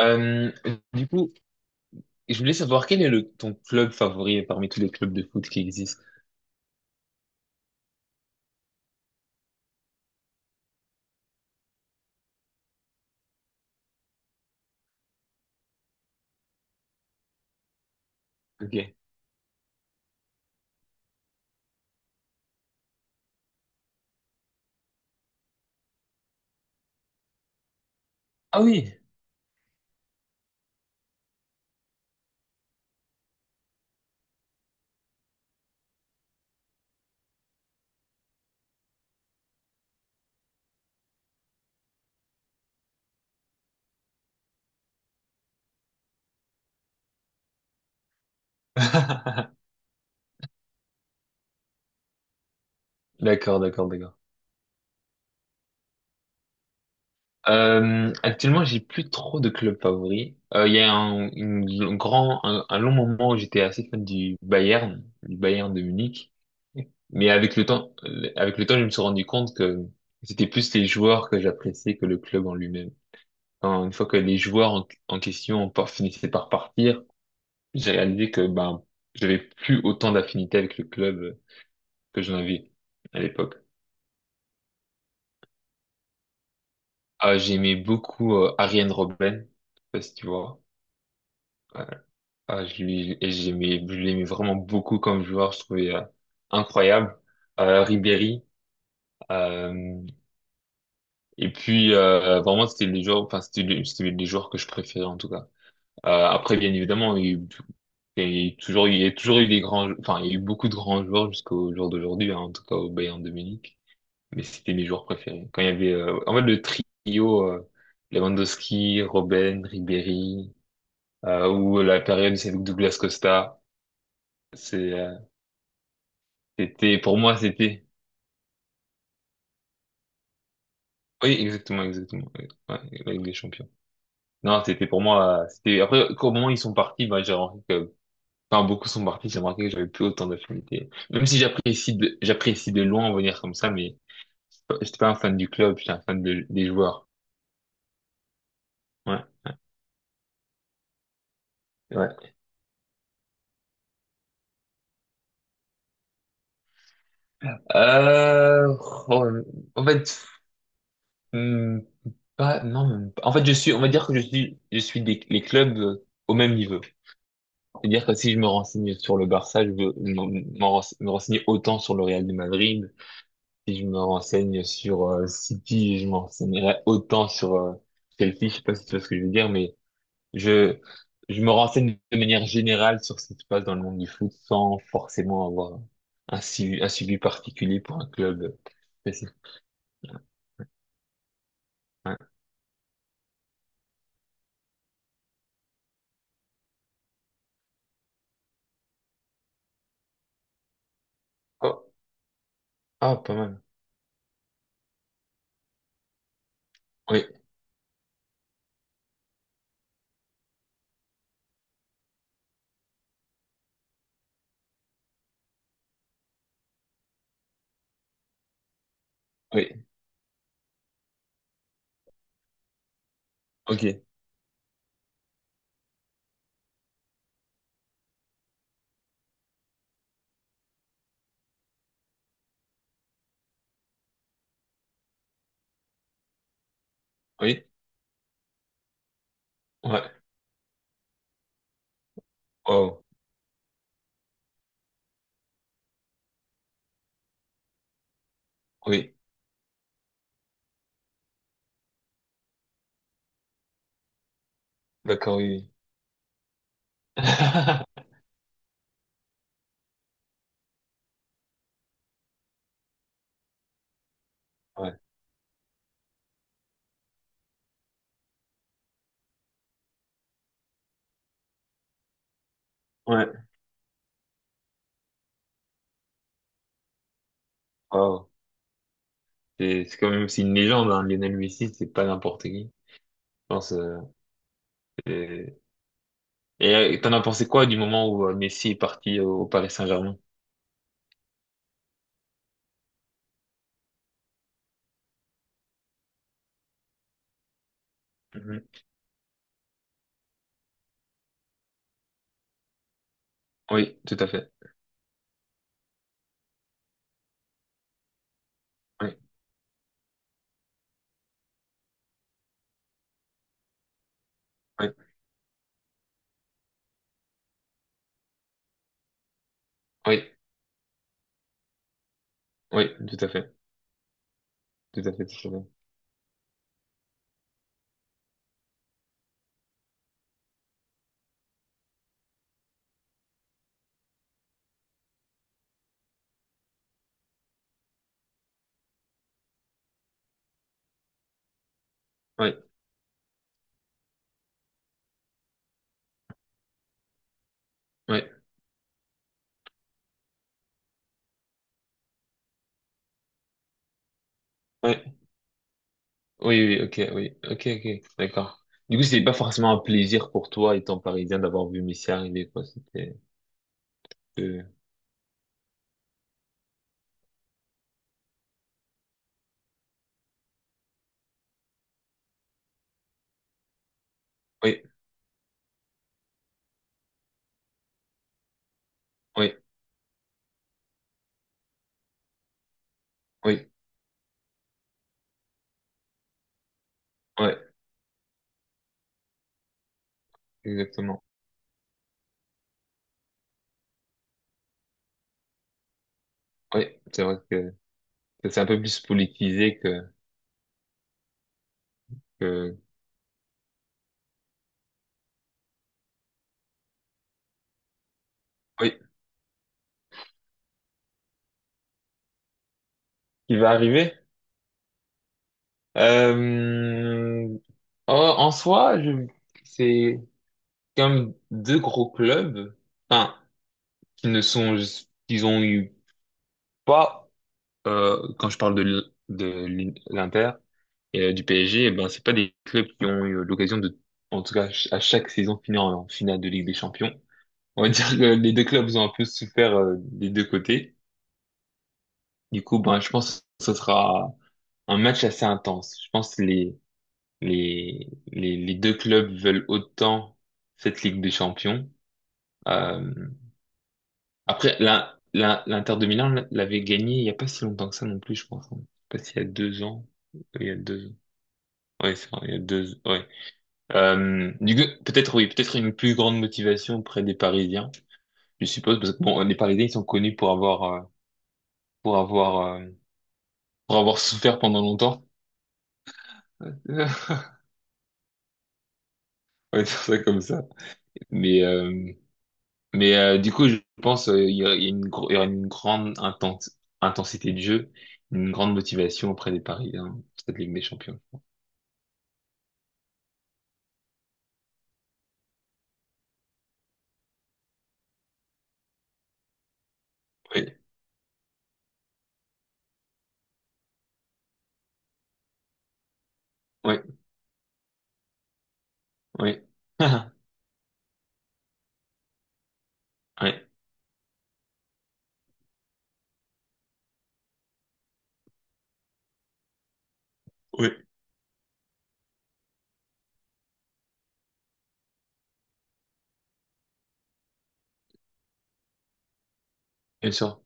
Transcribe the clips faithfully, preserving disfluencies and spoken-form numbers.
Euh, du coup, je voulais savoir quel est le, ton club favori parmi tous les clubs de foot qui existent. Ok. Ah oui. D'accord, d'accord, d'accord. Euh, actuellement, j'ai plus trop de clubs favoris. Euh, Il y a un, une- un grand, un, un long moment où j'étais assez fan du Bayern, du Bayern de Munich. Mais avec le temps, euh, avec le temps, je me suis rendu compte que c'était plus les joueurs que j'appréciais que le club en lui-même. Enfin, une fois que les joueurs en, en question par- finissaient par partir, j'ai réalisé que ben j'avais plus autant d'affinité avec le club euh, que j'en avais à l'époque. Ah, j'aimais beaucoup euh, Arjen Robben, je sais pas si tu vois. Ouais. Ah, je lui- et j'aimais, je l'aimais vraiment beaucoup comme joueur, je trouvais euh, incroyable. Euh, Ribéry, euh, et puis euh, vraiment c'était les joueurs, enfin c'était les, c'était les joueurs que je préférais en tout cas. Euh, après bien évidemment, il y a eu il y a eu toujours, il y a toujours eu des grands, enfin il y a eu beaucoup de grands joueurs jusqu'au jour d'aujourd'hui, hein, en tout cas au Bayern de Munich. Mais c'était mes joueurs préférés. Quand il y avait, euh, en fait, le trio, euh, Lewandowski, Robben, Ribéry, euh, ou la période où c'est avec Douglas Costa, c'est, euh, c'était, pour moi, c'était, oui, exactement, exactement, ouais, ouais, la Ligue des Champions. Non, c'était pour moi, euh, c'était, après, au moment où ils sont partis, bah, j'ai remarqué que, enfin, beaucoup sont partis, j'ai remarqué que j'avais plus autant d'affinité. Même si j'apprécie de, j'apprécie de loin venir comme ça, mais j'étais pas j'étais pas un fan du club, j'étais un fan de- des joueurs. Ouais, ouais. Euh, oh, en fait, Hmm, pas, non, même pas. En fait, je suis, on va dire que je suis, je suis des, les clubs euh, au même niveau. C'est-à-dire que si je me renseigne sur le Barça, je veux m'en- m'en rense- me renseigner autant sur le Real de Madrid. Si je me renseigne sur euh, City, je me renseignerai autant sur euh, Chelsea. Je sais pas si tu vois ce que je veux dire, mais je, je me renseigne de manière générale sur ce qui se passe dans le monde du foot sans forcément avoir un suivi, un suivi particulier pour un club. Spécifique. Ouais. Oh, ah, pas mal. Oui, oui, ok. Oui, ouais, wow, oui, d'accord, oui, oui. Ouais, ouais, wow. C'est c'est quand même aussi une légende, hein. Lionel Messi, c'est pas n'importe qui. Je pense, euh, c'est- et euh, t'en as pensé quoi du moment où euh, Messi est parti au, au Paris Saint-Germain? Mhm. Oui, tout à fait. Oui, oui, oui, oui, tout à fait. Tout à fait, tout à fait. Oui, oui, oui, oui, oui, ok, oui, ok, ok, d'accord. Du coup, c'était pas forcément un plaisir pour toi, étant parisien, d'avoir vu Messi arriver, quoi. C'était, euh, oui, oui, oui, oui. Ouais, exactement. Oui, c'est vrai que c'est un peu plus politisé que, que... Oui, qui va arriver. Euh... en en soi, je... c'est comme deux gros clubs, enfin, qui ne sont, qu'ils ont eu pas, euh, quand je parle de l- de l'I- l'Inter et euh, du P S G, eh ben, c'est pas des clubs qui ont eu l'occasion de, en tout cas, ch- à chaque saison finir en finale de Ligue des Champions. On va dire que les deux clubs ont un peu souffert euh, des deux côtés. Du coup, ben, je pense que ce sera un match assez intense. Je pense que les, les, les, les deux clubs veulent autant cette Ligue des Champions. Euh, après, l'In- l'In- l'Inter de Milan l'avait gagné il y a pas si longtemps que ça non plus, je pense, hein. Je sais pas s'il y a deux ans. Oui, il y a deux ans. Ouais, c'est vrai, il y a deux, ouais. Euh, du coup, peut-être, oui, peut-être une plus grande motivation auprès des Parisiens, je suppose, parce que bon, les Parisiens, ils sont connus pour avoir, euh, pour avoir, euh, pour avoir souffert pendant longtemps. On va dire ça comme ça. Mais, euh, mais euh, du coup, je pense euh, il y a il y a une, gro- il y aura une grande inten- intensité de jeu, une grande motivation auprès des Parisiens, cette Ligue des Champions. Oui, oui, oui. Oui, oui, bien sûr.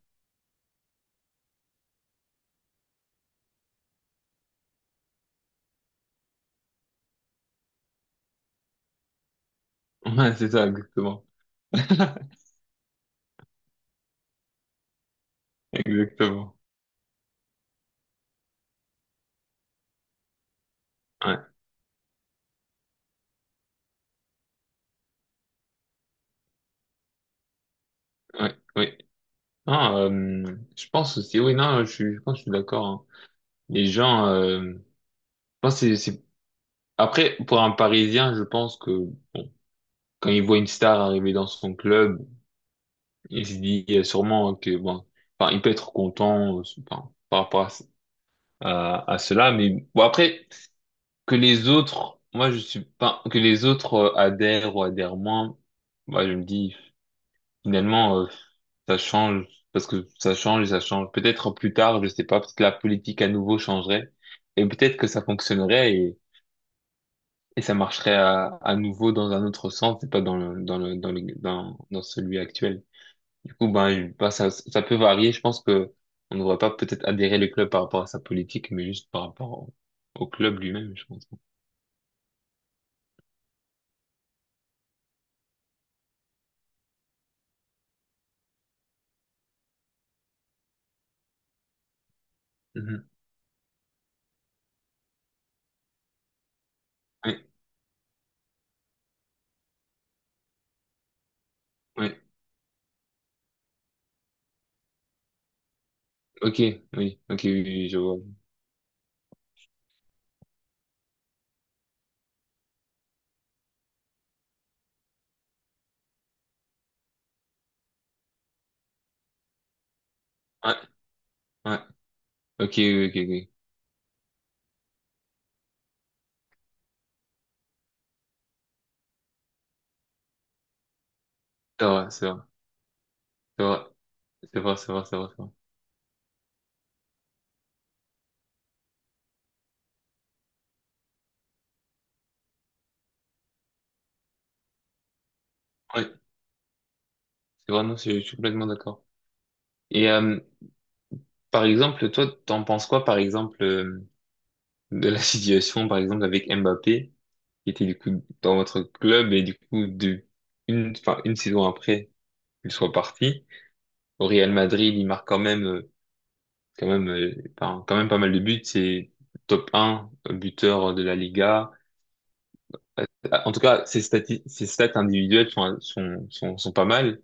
Ouais, c'est ça, exactement. Exactement. Ouais, ouais, oui. Non, euh, je pense aussi, oui, non, je suis, je pense que je suis d'accord, hein. Les gens, euh, je pense que c'est, c'est- après, pour un Parisien, je pense que, bon, quand il voit une star arriver dans son club, il se dit euh, sûrement que bon, enfin, il peut être content euh, enfin, par rapport à, ce- à, à cela, mais bon après que les autres, moi je suis pas que les autres euh, adhèrent ou adhèrent moins, moi je me dis finalement euh, ça change parce que ça change et ça change. Peut-être plus tard, je sais pas, peut-être la politique à nouveau changerait et peut-être que ça fonctionnerait et, et ça marcherait à, à nouveau dans un autre sens, et pas dans le, dans le, dans le, dans, dans celui actuel. Du coup, ben, je- ben, ça, ça peut varier. Je pense que on ne devrait pas peut-être adhérer le club par rapport à sa politique, mais juste par rapport au, au club lui-même, je pense. Mhm. Oui, ouais, ok, oui, ok, oui, oui, je vois. Ouais, ouais, ok, oui, ok, ok. C'est vrai, c'est vrai, c'est vrai, c'est vrai, c'est vrai, c'est vrai. C'est vrai. Ouais, c'est vrai, non, je, je suis complètement d'accord. Et euh, par exemple, toi, t'en penses quoi, par exemple, euh, de la situation, par exemple, avec Mbappé, qui était du coup dans votre club et du coup de une, enfin une saison après. Qu'il soit parti. Au Real Madrid, il marque quand même, euh, quand même, euh, enfin, quand même pas mal de buts. C'est top un euh, buteur de la Liga. Euh, En tout cas, ses stati- ses stats individuelles sont, sont, sont, sont pas mal.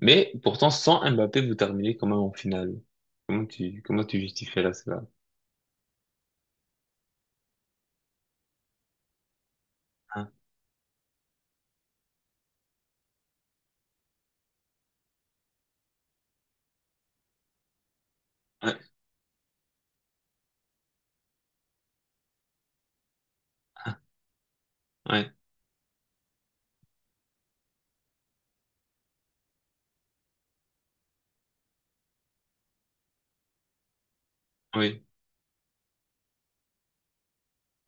Mais pourtant, sans Mbappé, vous terminez quand même en finale. Comment tu, comment tu justifies là, cela? Hein. Ouais, ouais,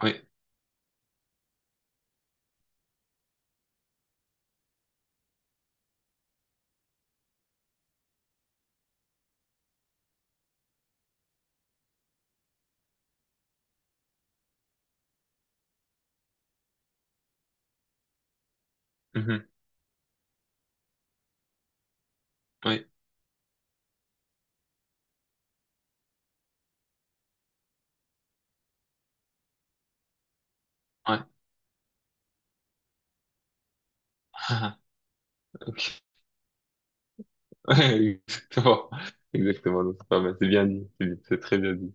oui, oui, mhm, oui, ouais, ah, ah, ouais, exactement. Exactement, donc c'est pas mal. C'est bien dit. C'est c'est très bien dit.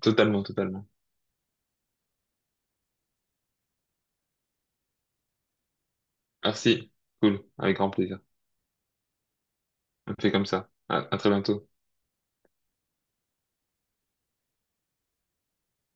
Totalement, totalement. Merci. Cool. Avec grand plaisir. On fait comme ça. À, à très bientôt.